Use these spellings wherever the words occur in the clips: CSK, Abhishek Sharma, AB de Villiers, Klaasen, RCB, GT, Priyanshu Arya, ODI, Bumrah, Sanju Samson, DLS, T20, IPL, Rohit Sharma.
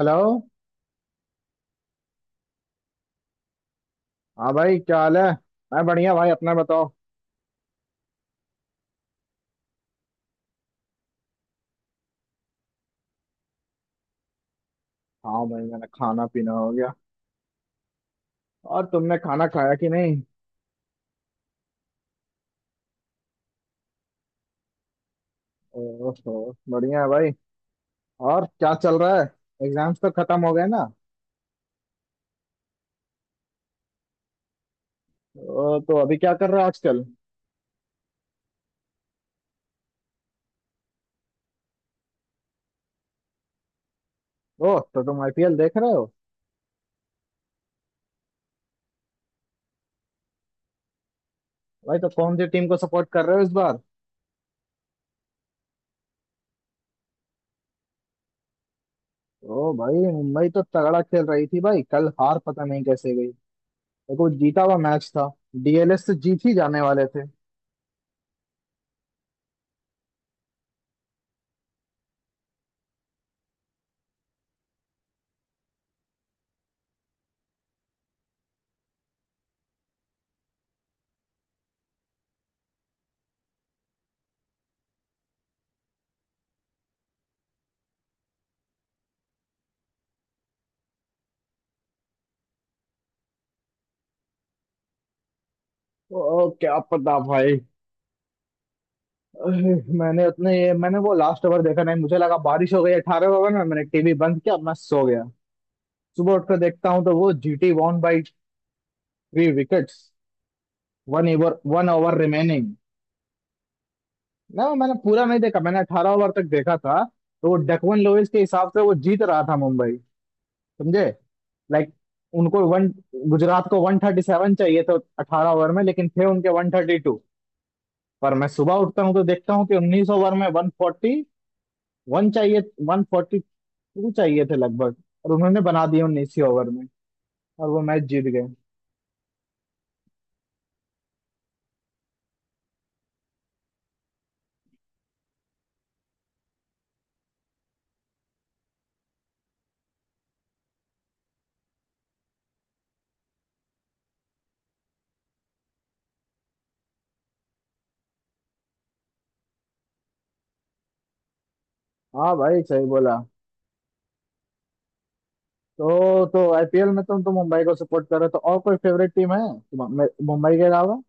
Hello. हाँ भाई, क्या हाल है? मैं बढ़िया भाई, अपना बताओ। हाँ भाई, मैंने खाना पीना हो गया। और तुमने खाना खाया कि नहीं? ओहो, बढ़िया है भाई। और क्या चल रहा है? एग्जाम्स तो खत्म हो गए ना। ओ, तो अभी क्या कर रहे हो आजकल? ओ, तो तुम आईपीएल देख रहे हो। भाई तो कौन सी टीम को सपोर्ट कर रहे हो इस बार? ओ भाई, मुंबई तो तगड़ा खेल रही थी भाई, कल हार पता नहीं कैसे गई। देखो, जीता हुआ मैच था। डीएलएस से जीत ही जाने वाले थे। ओ, क्या पता भाई। अरे, मैंने वो लास्ट ओवर देखा नहीं, मुझे लगा बारिश हो गई। 18 ओवर में मैंने टीवी बंद किया, मैं सो गया। सुबह उठकर देखता हूँ तो वो GT won by 3 wickets, 1 over 1 over remaining. ना, मैंने पूरा नहीं देखा, मैंने 18 ओवर तक देखा था तो वो डकवन लोइस के हिसाब से वो जीत रहा था मुंबई। समझे। लाइक, उनको वन, गुजरात को 137 चाहिए तो 18 ओवर में, लेकिन थे उनके 132। पर मैं सुबह उठता हूँ तो देखता हूँ कि 19 ओवर में 141 चाहिए। वन टू चाहिए थे लगभग। और उन्होंने बना दिए 19वीं ओवर में, और वो मैच जीत गए। हाँ भाई, सही बोला। तो आईपीएल में तुम तो मुंबई को सपोर्ट कर रहे हो, तो और कोई फेवरेट टीम है मुंबई के अलावा?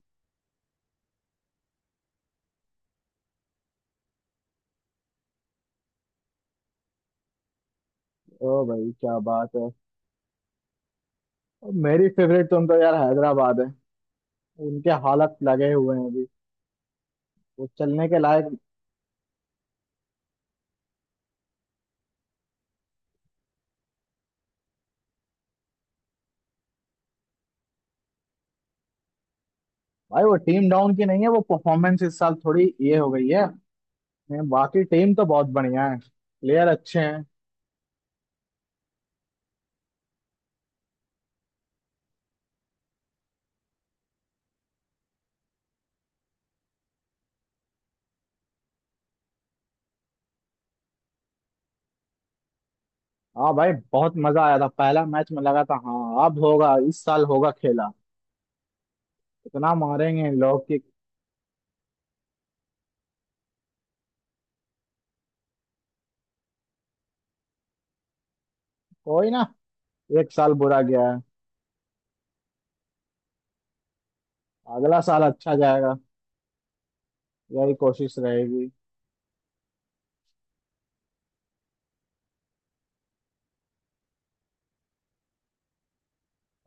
ओ भाई, क्या बात है। और मेरी फेवरेट तुम तो यार, हैदराबाद है। उनके हालत लगे हुए हैं, वो चलने के लायक। भाई वो टीम डाउन की नहीं है, वो परफॉर्मेंस इस साल थोड़ी ये हो गई है। बाकी टीम तो बहुत बढ़िया है, प्लेयर अच्छे हैं। हाँ भाई, बहुत मजा आया था पहला मैच में, लगा था हाँ अब होगा इस साल, होगा खेला। इतना मारेंगे इन लोग कि। कोई ना, एक साल बुरा गया है। अगला साल अच्छा जाएगा, यही कोशिश रहेगी।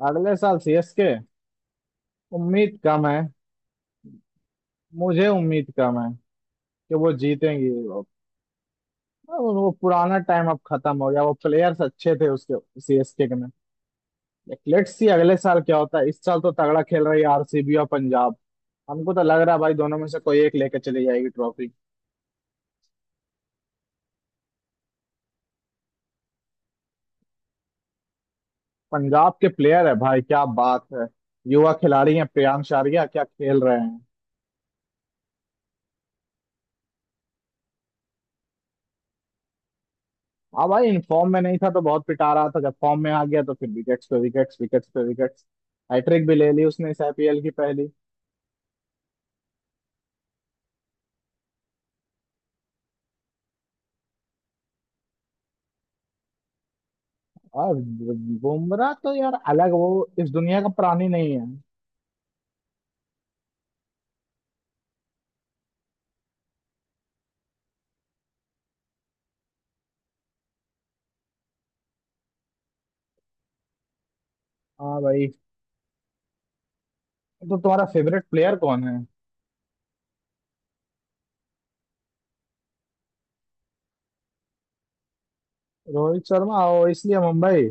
अगले साल सीएसके, उम्मीद कम है। मुझे उम्मीद कम है कि वो जीतेंगी। अब वो पुराना टाइम अब खत्म हो गया, वो प्लेयर्स अच्छे थे उसके सीएसके के में। लेट्स सी अगले साल क्या होता है। इस साल तो तगड़ा खेल रही है आरसीबी और पंजाब। हमको तो लग रहा है भाई, दोनों में से कोई एक लेके चली जाएगी ट्रॉफी। पंजाब के प्लेयर है भाई, क्या बात है। युवा खिलाड़ी हैं, प्रियांश आर्या क्या खेल रहे हैं। हाँ भाई, इन फॉर्म में नहीं था तो बहुत पिटा रहा था, जब फॉर्म में आ गया तो फिर विकेट्स पे विकेट्स, विकेट्स पे विकेट्स। हैट्रिक भी ले ली उसने, इस आईपीएल की पहली। और बुमराह तो यार अलग, वो इस दुनिया का प्राणी नहीं है। हाँ भाई, तो तुम्हारा फेवरेट प्लेयर कौन है? रोहित शर्मा? ओ, इसलिए मुंबई।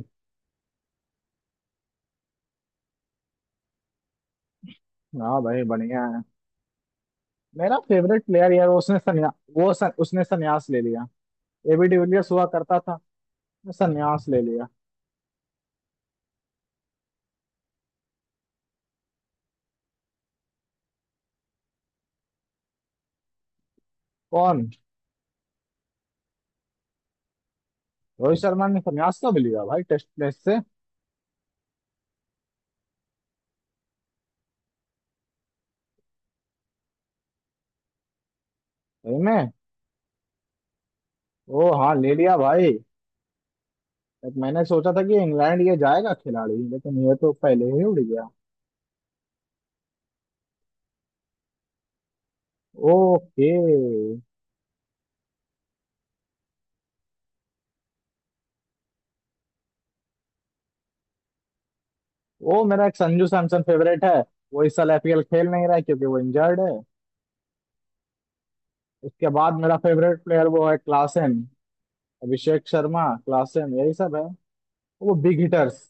हाँ भाई, बढ़िया है। मेरा फेवरेट प्लेयर यार, उसने सन्यास ले लिया। एबी डिविलियर्स हुआ करता था, सन्यास ले लिया। कौन? रोहित शर्मा ने सन्यास कब लिया भाई, टेस्ट मैच से? सही में? ओ हाँ, ले लिया भाई। लाइक, मैंने सोचा था कि इंग्लैंड ये जाएगा खिलाड़ी, लेकिन ये तो पहले ही उड़ गया। ओके। वो मेरा एक संजू सैमसन फेवरेट है। वो इस साल एपीएल खेल नहीं रहा है क्योंकि वो इंजर्ड है। उसके बाद मेरा फेवरेट प्लेयर वो है क्लासेन। अभिषेक शर्मा, क्लासेन, यही सब है। वो बिग हिटर्स,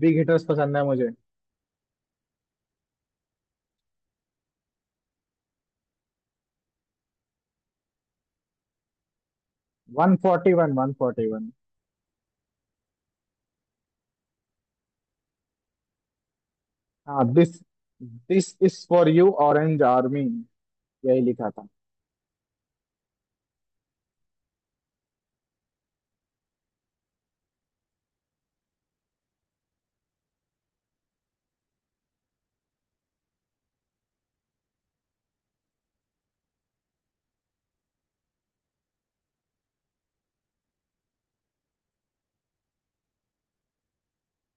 बिग हिटर्स पसंद है मुझे। 141, 141। हाँ, this this is for you orange army. यही लिखा था।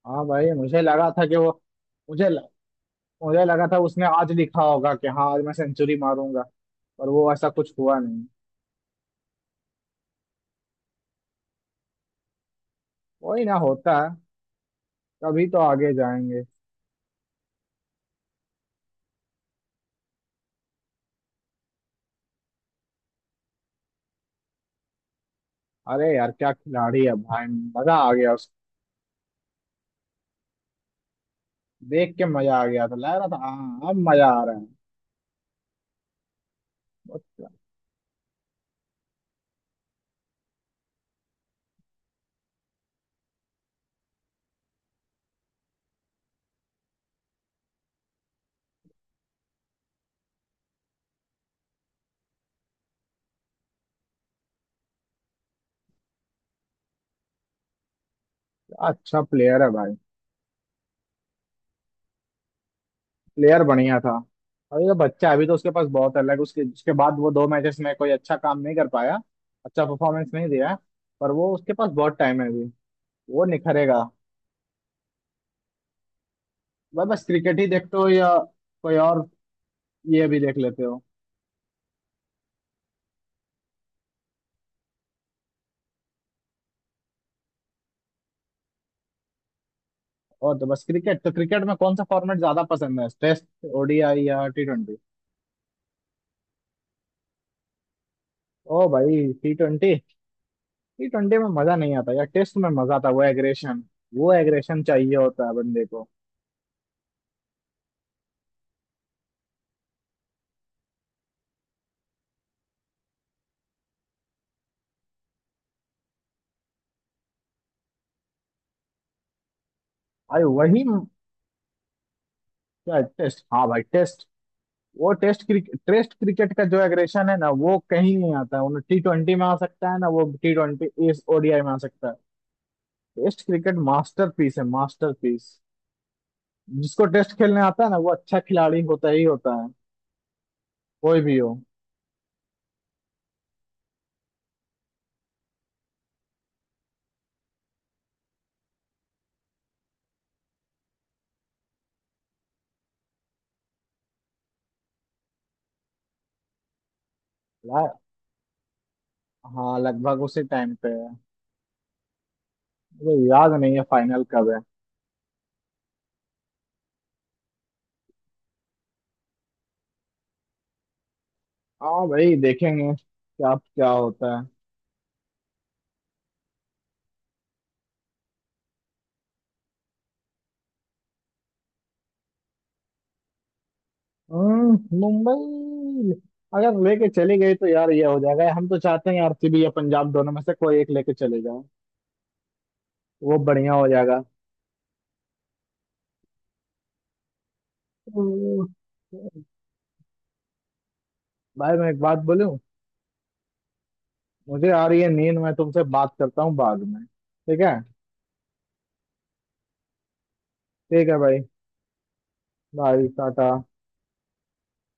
हाँ भाई, मुझे लगा था कि वो, मुझे मुझे लगा था उसने आज लिखा होगा कि हाँ आज मैं सेंचुरी मारूंगा। पर वो ऐसा कुछ हुआ नहीं। वही ना होता है, कभी तो आगे जाएंगे। अरे यार, क्या खिलाड़ी है भाई। मजा आ गया, उस देख के मजा आ गया था, लग रहा था हाँ अब मजा आ रहा है। बहुत अच्छा प्लेयर है भाई, प्लेयर बढ़िया था। अभी तो बच्चा है, अभी तो उसके पास बहुत है। लाइक उसके उसके बाद वो दो मैचेस में कोई अच्छा काम नहीं कर पाया, अच्छा परफॉर्मेंस नहीं दिया। पर वो, उसके पास बहुत टाइम है अभी, वो निखरेगा। भाई बस क्रिकेट ही देखते हो या कोई और ये भी देख लेते हो? और तो बस क्रिकेट, तो क्रिकेट में कौन सा फॉर्मेट ज्यादा पसंद है? टेस्ट, ओडीआई या टी ट्वेंटी? ओ भाई, टी ट्वेंटी? टी ट्वेंटी में मजा नहीं आता यार, टेस्ट में मजा आता, वो एग्रेशन, वो एग्रेशन चाहिए होता है बंदे को। अरे क्या, टेस्ट? हाँ भाई, टेस्ट। वो टेस्ट क्रिकेट, टेस्ट क्रिकेट का जो एग्रेशन है ना वो कहीं नहीं आता है, वो टी ट्वेंटी में आ सकता है ना, वो टी ट्वेंटी इस ओडीआई में आ सकता है। टेस्ट क्रिकेट मास्टरपीस है, मास्टरपीस। जिसको टेस्ट खेलने आता है ना वो अच्छा खिलाड़ी होता ही होता है, कोई भी हो। हाँ, लगभग उसी टाइम पे है, मुझे याद नहीं है फाइनल कब है। हाँ भाई, देखेंगे क्या क्या होता है। मुंबई अगर लेके चली गई तो यार ये हो जाएगा, हम तो चाहते हैं आरसीबी या पंजाब दोनों में से कोई एक लेके चले जाए, वो बढ़िया हो जाएगा। हम्म, भाई मैं एक बात बोलूं? मुझे आ रही है नींद, मैं तुमसे बात करता हूँ बाद में, ठीक है? ठीक है भाई, बाय टाटा।